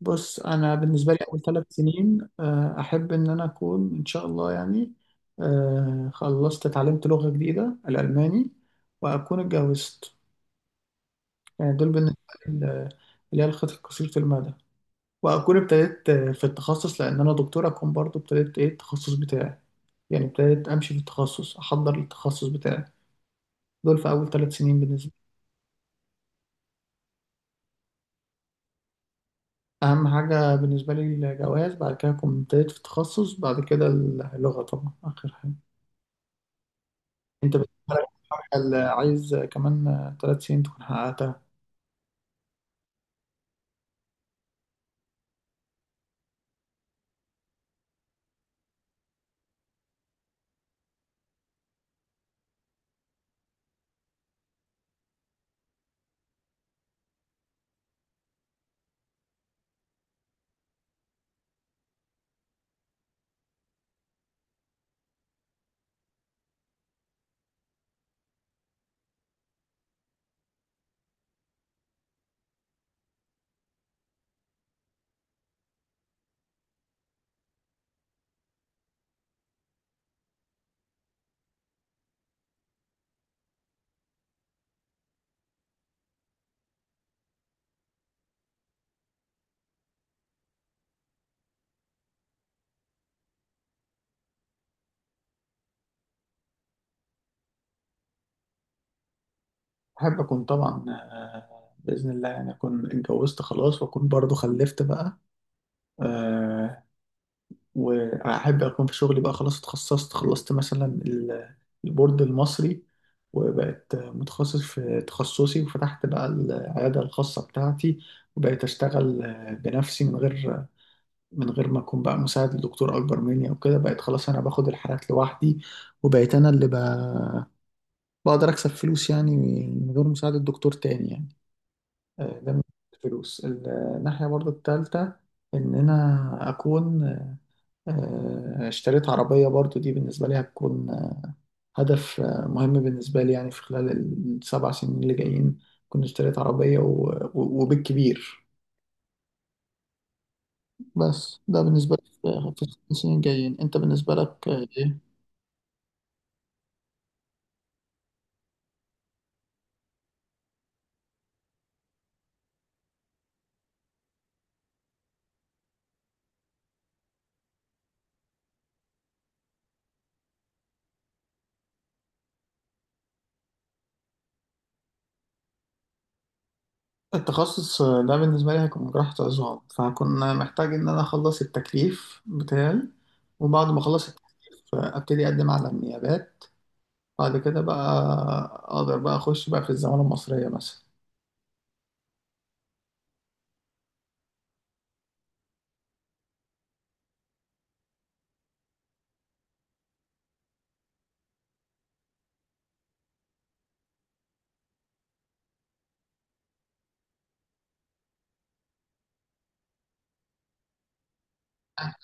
بص انا بالنسبه لي اول ثلاث سنين احب ان انا اكون ان شاء الله يعني خلصت اتعلمت لغه جديده الالماني واكون اتجوزت. يعني دول بالنسبه لي اللي هي الخطط قصيره المدى. واكون ابتديت في التخصص لان انا دكتور، اكون برضو ابتديت ايه التخصص بتاعي، يعني ابتديت امشي في التخصص، احضر للتخصص بتاعي. دول في اول ثلاث سنين بالنسبه لي. اهم حاجه بالنسبه لي الجواز، بعد كده اكون ابتديت في التخصص، بعد كده اللغه طبعا اخر حاجه. انت بتحرق حاجة اللي عايز كمان ثلاث سنين تكون حققتها. احب اكون طبعا، باذن الله يعني اكون اتجوزت خلاص، واكون برضو خلفت بقى. آه، واحب اكون في شغلي بقى خلاص، اتخصصت، خلصت مثلا البورد المصري، وبقت متخصص في تخصصي، وفتحت بقى العياده الخاصه بتاعتي، وبقيت اشتغل بنفسي، من غير ما اكون بقى مساعد لدكتور اكبر مني او كده. بقيت خلاص انا باخد الحالات لوحدي، وبقيت انا اللي بقى بقدر أكسب فلوس يعني من غير مساعدة دكتور تاني يعني. ده من الفلوس، الناحية برضو التالتة إن أنا أكون اشتريت عربية. برضو دي بالنسبة لي هتكون هدف مهم بالنسبة لي، يعني في خلال السبع سنين اللي جايين كنت اشتريت عربية و- و- وبالكبير. بس ده بالنسبة لي في السنين الجايين. أنت بالنسبة لك إيه؟ التخصص ده بالنسبة لي هيكون جراحة عظام، فهكون محتاج إن أنا أخلص التكليف بتاعي، وبعد ما أخلص التكليف أبتدي أقدم على النيابات، بعد كده بقى أقدر بقى أخش بقى في الزمالة المصرية مثلا.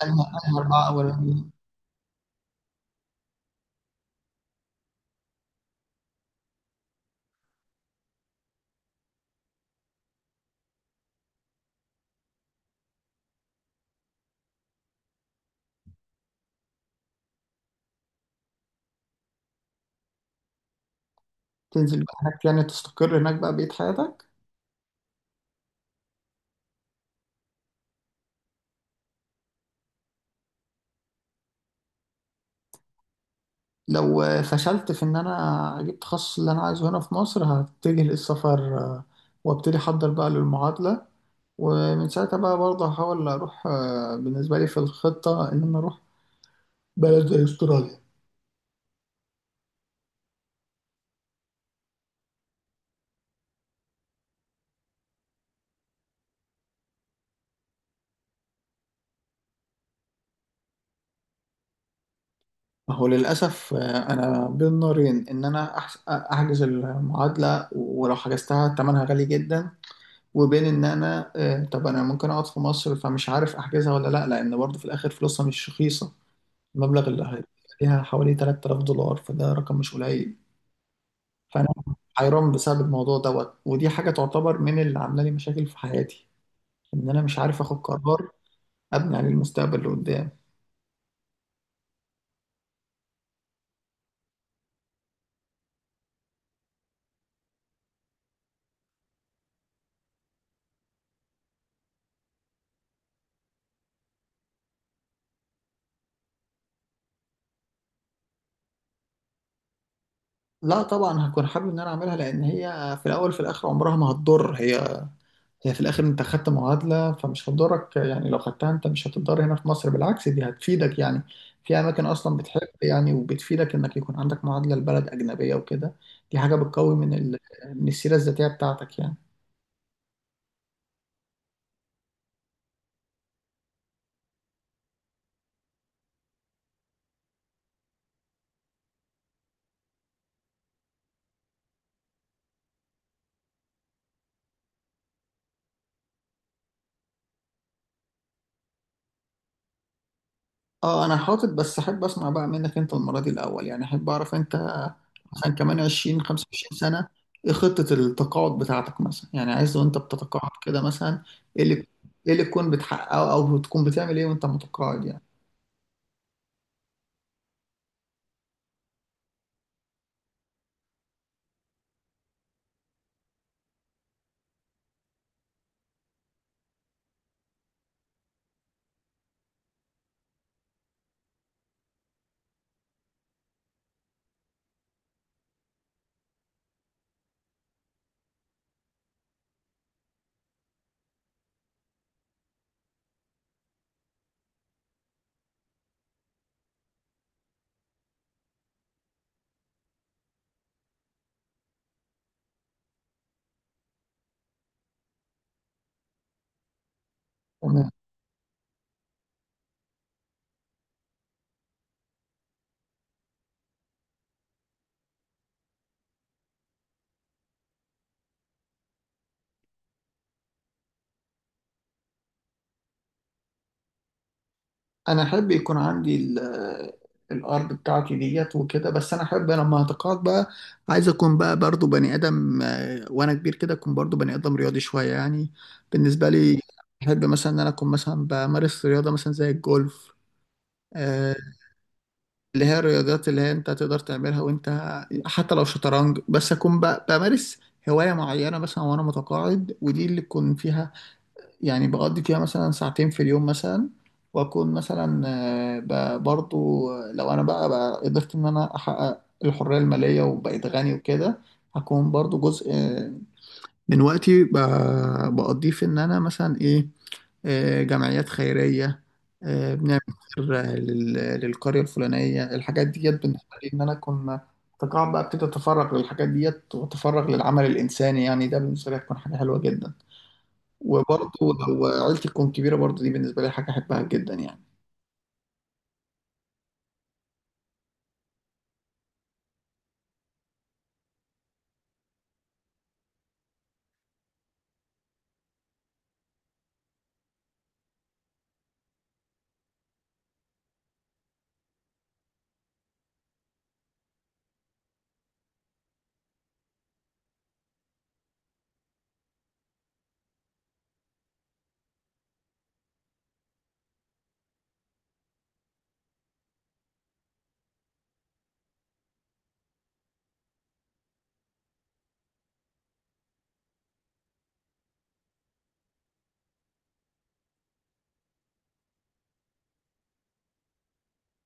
أنهي أنهي أربعة أولانيين؟ تنزل بقى هناك يعني، تستقر هناك بقى بقية حياتك. لو فشلت في إن أنا أجيب التخصص اللي أنا عايزه هنا في مصر هتجه للسفر، وأبتدي أحضر بقى للمعادلة، ومن ساعتها بقى برضه هحاول أروح، بالنسبة لي في الخطة إن أنا أروح بلد زي استراليا. ما هو للأسف أنا بين نارين: إن أنا أحجز المعادلة ولو حجزتها تمنها غالي جدا، وبين إن أنا طب أنا ممكن أقعد في مصر، فمش عارف أحجزها ولا لأ، لأن برضه في الآخر فلوسها مش رخيصة. المبلغ عليها حوالي 3000 دولار، فده رقم مش قليل. فأنا حيران بسبب الموضوع دوت، ودي حاجة تعتبر من اللي عاملة لي مشاكل في حياتي، إن أنا مش عارف آخد قرار أبني عليه المستقبل اللي قدام. لا طبعا هكون حابب ان انا اعملها، لان هي في الاول في الاخر عمرها ما هتضر. هي هي في الاخر انت خدت معادله فمش هتضرك يعني، لو خدتها انت مش هتضر هنا في مصر، بالعكس دي هتفيدك يعني. في اماكن اصلا بتحب يعني وبتفيدك انك يكون عندك معادله لبلد اجنبيه وكده. دي حاجه بتقوي من من السيره الذاتيه بتاعتك يعني. اه انا حاطط، بس احب اسمع بقى منك انت المره دي الاول. يعني احب اعرف انت مثلا كمان 20 25 سنه ايه خطه التقاعد بتاعتك مثلا، يعني عايز وانت بتتقاعد كده مثلا ايه اللي ايه اللي تكون بتحققه، او تكون بتعمل ايه وانت متقاعد يعني. انا احب يكون عندي الارض بتاعتي ديت وكده، بس انا احب لما هتقاعد بقى عايز اكون بقى برضو بني ادم، وانا كبير كده اكون برضو بني ادم رياضي شويه يعني. بالنسبه لي احب مثلا ان انا اكون مثلا بمارس رياضه مثلا زي الجولف، آه، اللي هي الرياضات اللي هي انت تقدر تعملها وانت حتى لو شطرنج. بس اكون بقى بمارس هوايه معينه مثلا وانا متقاعد، ودي اللي تكون فيها يعني بقضي فيها مثلا ساعتين في اليوم مثلا. واكون مثلا برضو لو انا بقى قدرت ان انا احقق الحرية المالية وبقيت غني وكده، هكون برضو جزء من وقتي بقضيه في ان انا مثلا ايه جمعيات خيرية، بنعمل خير للقرية الفلانية. الحاجات ديت بالنسبة لي ان انا اكون تقاعد بقى ابتدي اتفرغ للحاجات ديت واتفرغ للعمل الانساني، يعني ده بالنسبة لي هتكون حاجة حلوة جدا. وبرضه لو عيلتي تكون كبيرة برضه دي بالنسبة لي حاجة أحبها جدا يعني.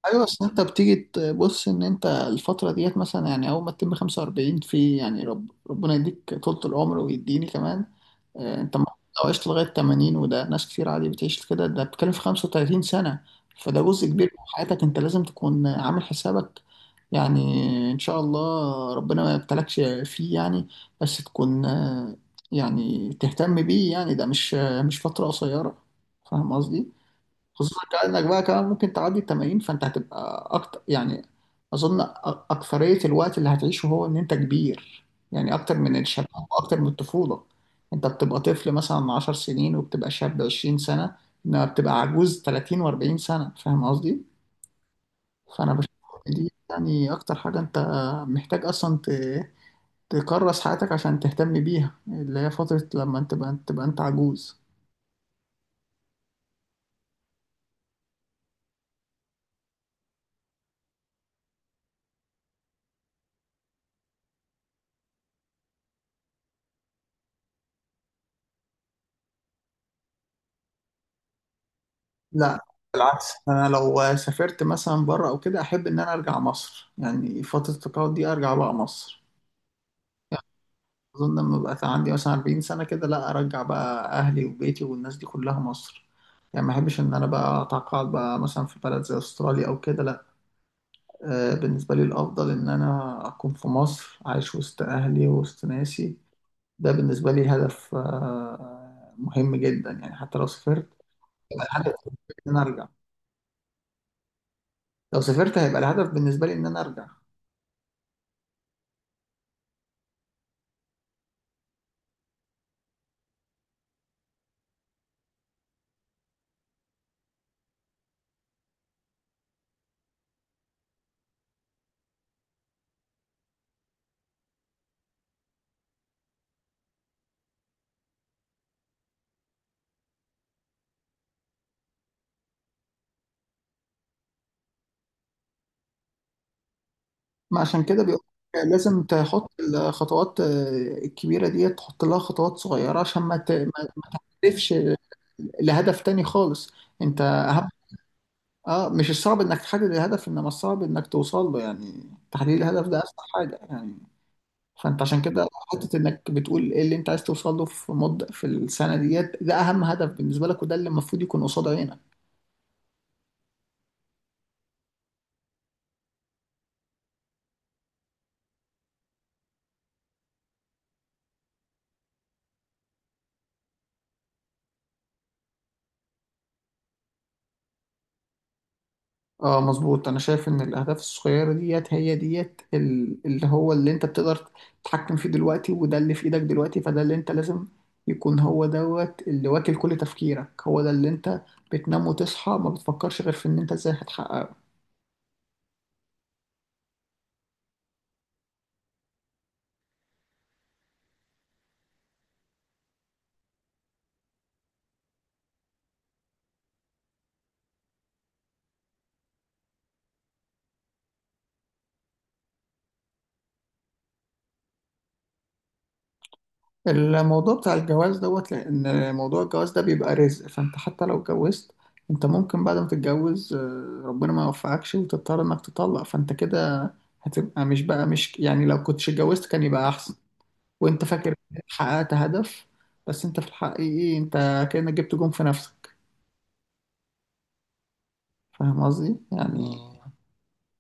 ايوه بس انت بتيجي تبص ان انت الفتره ديت مثلا، يعني اول ما تتم 45، في يعني ربنا يديك طولة العمر ويديني كمان، انت المفروض لو عشت لغايه 80، وده ناس كتير عادي بتعيش كده، ده بتتكلم في 35 سنه، فده جزء كبير من حياتك انت لازم تكون عامل حسابك يعني. ان شاء الله ربنا ما يبتلكش فيه يعني، بس تكون يعني تهتم بيه يعني، ده مش مش فتره قصيره. فاهم قصدي؟ خصوصا كأنك بقى كمان ممكن تعدي ال 80، فانت هتبقى اكتر يعني. اظن اكثرية الوقت اللي هتعيشه هو ان انت كبير، يعني اكتر من الشباب واكتر من الطفولة. انت بتبقى طفل مثلا 10 سنين، وبتبقى شاب 20 سنة، انما بتبقى عجوز 30 و40 سنة. فاهم قصدي؟ فانا بشوف إن دي يعني اكتر حاجة انت محتاج اصلا تكرس حياتك عشان تهتم بيها، اللي هي فترة لما انت تبقى انت عجوز. لا بالعكس، انا لو سافرت مثلا بره او كده احب ان انا ارجع مصر، يعني فتره التقاعد دي ارجع بقى مصر يعني. اظن لما بقى عندي مثلا 40 سنه كده، لا ارجع بقى اهلي وبيتي والناس دي كلها مصر يعني. ما احبش ان انا بقى اتقاعد بقى مثلا في بلد زي استراليا او كده، لا. بالنسبه لي الافضل ان انا اكون في مصر، عايش وسط اهلي وسط ناسي. ده بالنسبه لي هدف مهم جدا يعني. حتى لو سافرت يبقى الهدف ان انا ارجع. لو سافرت هيبقى الهدف بالنسبه لي ان انا ارجع. ما عشان كده بيقول لازم تحط الخطوات الكبيرة دي تحط لها خطوات صغيرة عشان ما ت- ما ما تهدفش لهدف تاني خالص. انت اهم. اه مش الصعب انك تحدد الهدف، انما الصعب انك توصل له يعني. تحديد الهدف ده اسهل حاجة يعني. فانت عشان كده حتة انك بتقول ايه اللي انت عايز توصل له في السنة ديت، ده اهم هدف بالنسبة لك، وده اللي المفروض يكون قصاد عينك. اه مظبوط. انا شايف ان الاهداف الصغيره ديت هي ديت اللي هو اللي انت بتقدر تتحكم فيه دلوقتي، وده اللي في ايدك دلوقتي، فده اللي انت لازم يكون هو دوت اللي واكل كل تفكيرك، هو ده اللي انت بتنام وتصحى ما بتفكرش غير في ان انت ازاي هتحققه. الموضوع بتاع الجواز دوت، لان موضوع الجواز ده بيبقى رزق، فانت حتى لو اتجوزت، انت ممكن بعد ما تتجوز ربنا ما يوفقكش وتضطر انك تطلق، فانت كده هتبقى مش يعني لو كنتش اتجوزت كان يبقى احسن. وانت فاكر إنك حققت هدف، بس انت في الحقيقة انت كأنك جبت جون في نفسك. فاهم قصدي يعني؟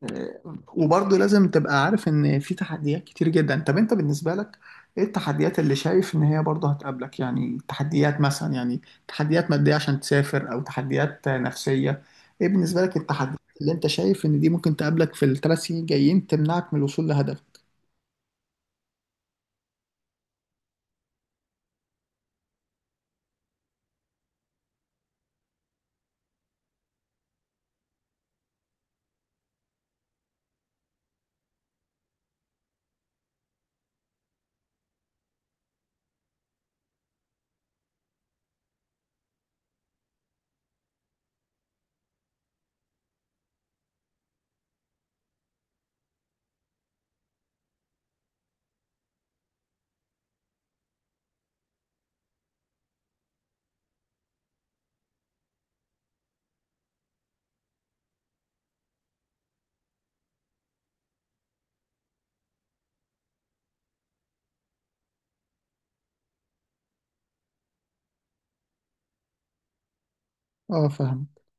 آه، وبرضه لازم تبقى عارف ان في تحديات كتير جدا. طب انت بالنسبة لك ايه التحديات اللي شايف ان هي برضه هتقابلك؟ يعني تحديات مثلا، يعني تحديات مادية عشان تسافر، او تحديات نفسية. ايه بالنسبة لك التحديات اللي انت شايف ان دي ممكن تقابلك في الثلاث سنين الجايين تمنعك من الوصول لهدفك؟ اه فاهم